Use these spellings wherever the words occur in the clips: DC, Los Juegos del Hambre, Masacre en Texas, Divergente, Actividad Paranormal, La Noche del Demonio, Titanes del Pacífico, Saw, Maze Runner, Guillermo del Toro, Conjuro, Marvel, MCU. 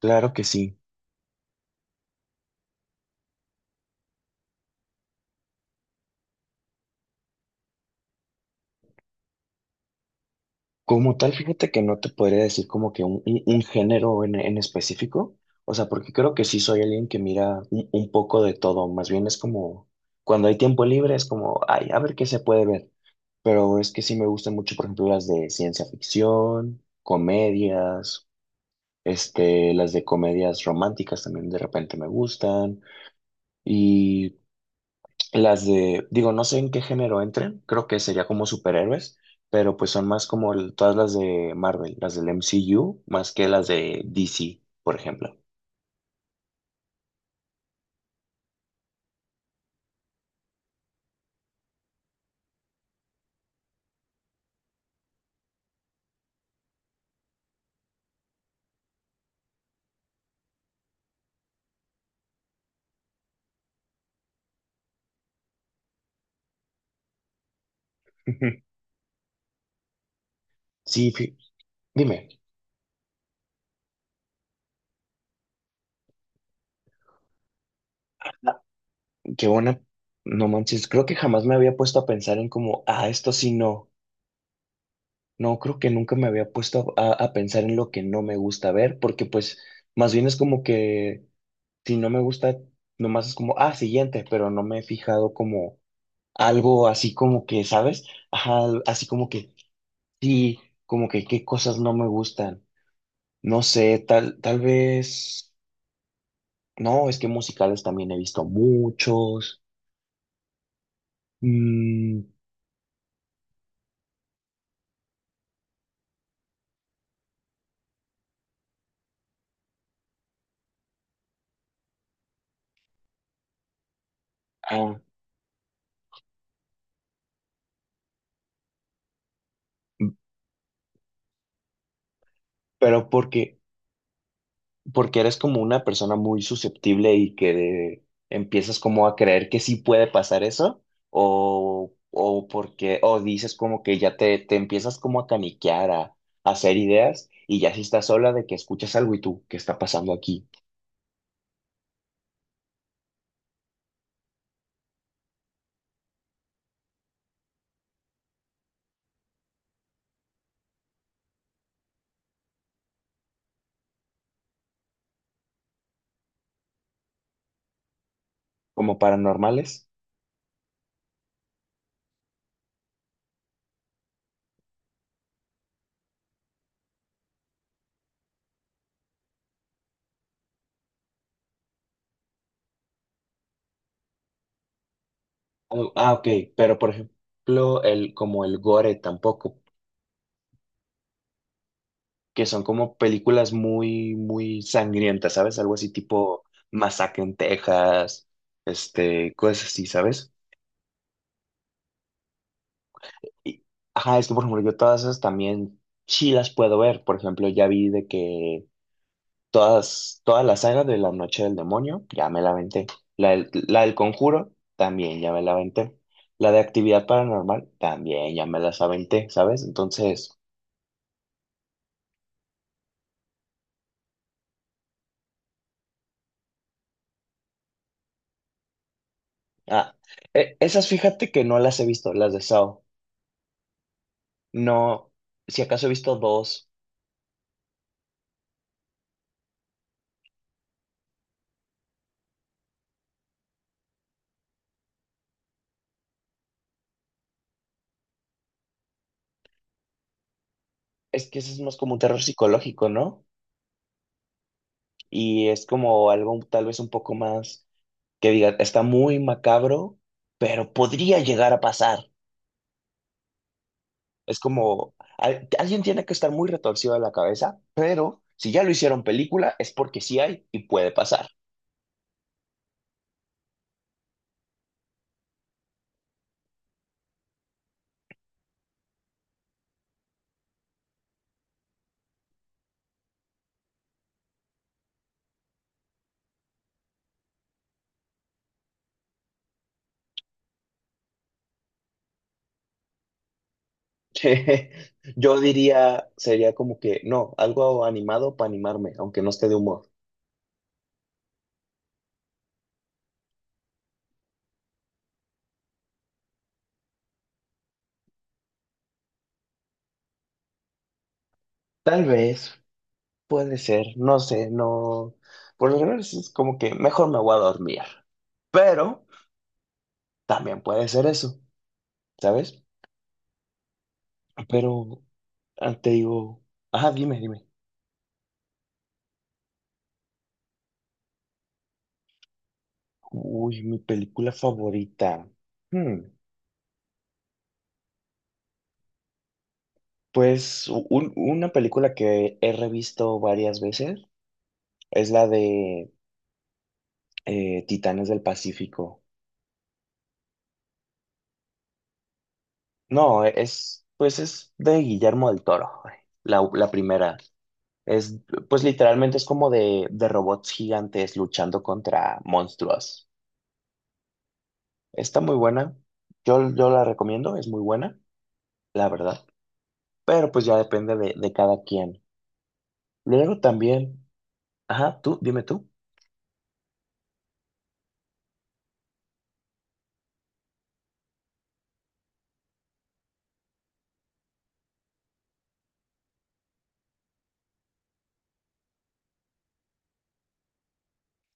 Claro que sí. Como tal, fíjate que no te podría decir como que un género en específico, o sea, porque creo que sí soy alguien que mira un poco de todo, más bien es como, cuando hay tiempo libre es como, ay, a ver qué se puede ver, pero es que sí me gustan mucho, por ejemplo, las de ciencia ficción, comedias, las de comedias románticas también de repente me gustan, y las de, digo, no sé en qué género entren, creo que sería como superhéroes, pero pues son más como todas las de Marvel, las del MCU, más que las de DC, por ejemplo. Sí, dime. Qué buena, no manches, creo que jamás me había puesto a pensar en como, ah, esto sí no, no, creo que nunca me había puesto a pensar en lo que no me gusta ver, porque pues más bien es como que si no me gusta, nomás es como, ah, siguiente, pero no me he fijado como algo así como que, ¿sabes? Ajá, así como que, sí, como que qué cosas no me gustan. No sé, tal vez, no, es que musicales también he visto muchos. ¿Mm? Ah, pero porque eres como una persona muy susceptible y que empiezas como a creer que sí puede pasar eso, o porque, o dices como que ya te empiezas como a caniquear, a hacer ideas, y ya si estás sola de que escuchas algo y tú, ¿qué está pasando aquí? ¿Como paranormales? Oh, ah, ok, pero por ejemplo, el, como el gore tampoco, que son como películas muy sangrientas, ¿sabes? Algo así tipo Masacre en Texas, este, cosas así, ¿sabes? Y- Ajá, es que por ejemplo yo todas esas también sí las puedo ver. Por ejemplo, ya vi de que todas, toda la saga de La Noche del Demonio, ya me la aventé. La del Conjuro, también ya me la aventé. La de Actividad Paranormal, también ya me las aventé, ¿sabes? Entonces, ah, esas fíjate que no las he visto, las de Saw. No, si acaso he visto dos. Es que ese es más como un terror psicológico, ¿no? Y es como algo tal vez un poco más que digan, está muy macabro, pero podría llegar a pasar. Es como, alguien tiene que estar muy retorcido de la cabeza, pero si ya lo hicieron película, es porque sí hay y puede pasar. Yo diría, sería como que, no, algo animado para animarme, aunque no esté de humor. Tal vez, puede ser, no sé, no. Por lo general es como que mejor me voy a dormir, pero también puede ser eso, ¿sabes? Pero, ah, te digo, ajá, dime, dime. Uy, mi película favorita. Hmm, pues una película que he revisto varias veces es la de Titanes del Pacífico. No, es, pues es de Guillermo del Toro, la primera. Es, pues literalmente es como de robots gigantes luchando contra monstruos. Está muy buena. Yo la recomiendo, es muy buena, la verdad. Pero pues ya depende de cada quien. Luego también, ajá, tú, dime tú.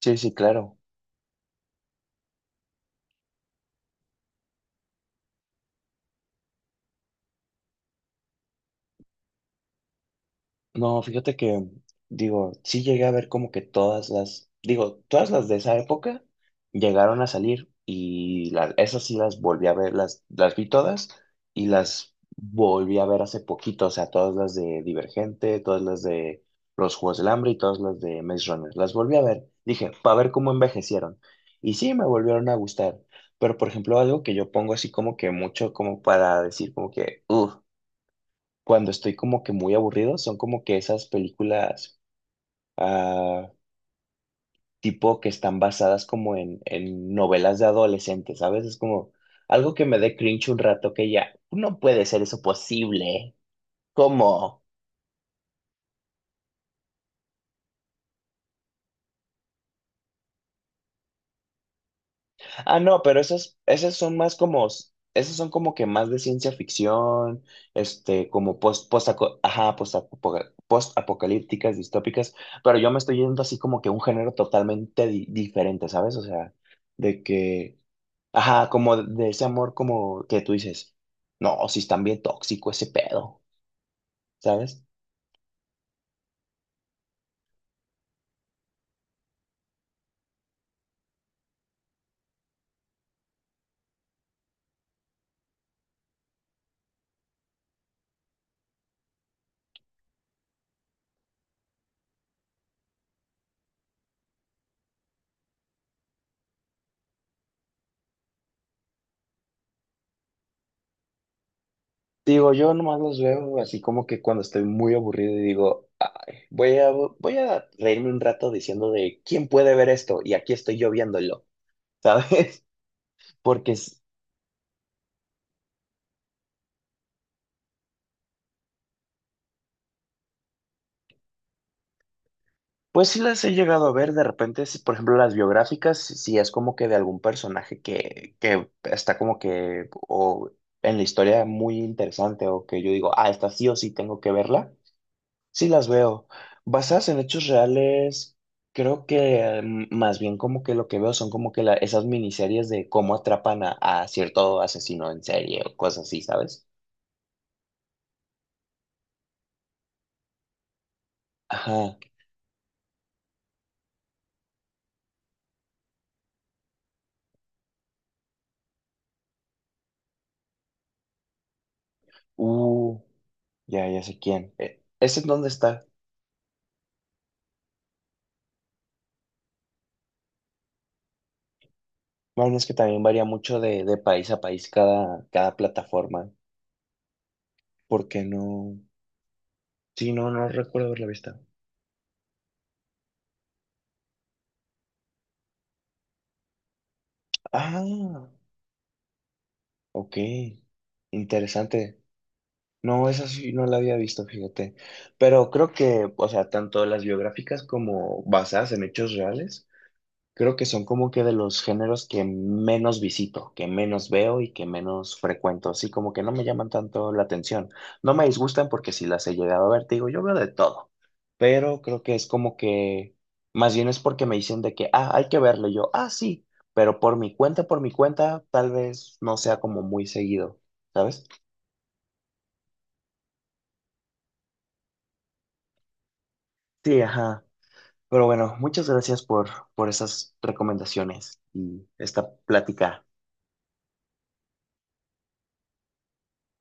Sí, sí, claro. No, fíjate que, digo, sí llegué a ver como que todas las, digo, todas las de esa época llegaron a salir y esas sí las volví a ver, las vi todas y las volví a ver hace poquito, o sea, todas las de Divergente, todas las de Los Juegos del Hambre y todas las de Maze Runner. Las volví a ver, dije, para ver cómo envejecieron. Y sí, me volvieron a gustar. Pero, por ejemplo, algo que yo pongo así como que mucho como para decir como que, uff, cuando estoy como que muy aburrido, son como que esas películas ah, tipo que están basadas como en novelas de adolescentes, ¿sabes? Es como algo que me dé cringe un rato que ya, no puede ser eso posible. ¿Cómo? Ah, no, pero esas, esas son más como, esas son como que más de ciencia ficción, como post, ajá, post-apocalípticas, distópicas, pero yo me estoy yendo así como que un género totalmente diferente, ¿sabes? O sea, de que ajá, como de ese amor como que tú dices, no, si están bien tóxico ese pedo, ¿sabes? Digo, yo nomás los veo así como que cuando estoy muy aburrido y digo, "Ay, voy a reírme un rato diciendo de quién puede ver esto y aquí estoy yo viéndolo, ¿sabes? Porque, es- pues sí las he llegado a ver de repente, si, por ejemplo, las biográficas, si es como que de algún personaje que está como que, o en la historia muy interesante o que yo digo, ah, esta sí o sí tengo que verla. Sí, las veo. Basadas en hechos reales, creo que mm, más bien como que lo que veo son como que esas miniseries de cómo atrapan a cierto asesino en serie o cosas así, ¿sabes? Ajá. Uh, ya sé quién. ¿Ese en dónde está? Bueno, es que también varía mucho de país a país cada, cada plataforma. ¿Porque no? Sí, no, no recuerdo haberla visto. Ah, ok. Interesante. No, esa sí no la había visto, fíjate. Pero creo que, o sea, tanto las biográficas como basadas en hechos reales, creo que son como que de los géneros que menos visito, que menos veo y que menos frecuento. Así como que no me llaman tanto la atención. No me disgustan porque si las he llegado a ver, te digo, yo veo de todo. Pero creo que es como que, más bien es porque me dicen de que, ah, hay que verlo. Y yo, ah, sí, pero por mi cuenta, tal vez no sea como muy seguido, ¿sabes? Sí, ajá. Pero bueno, muchas gracias por esas recomendaciones y esta plática.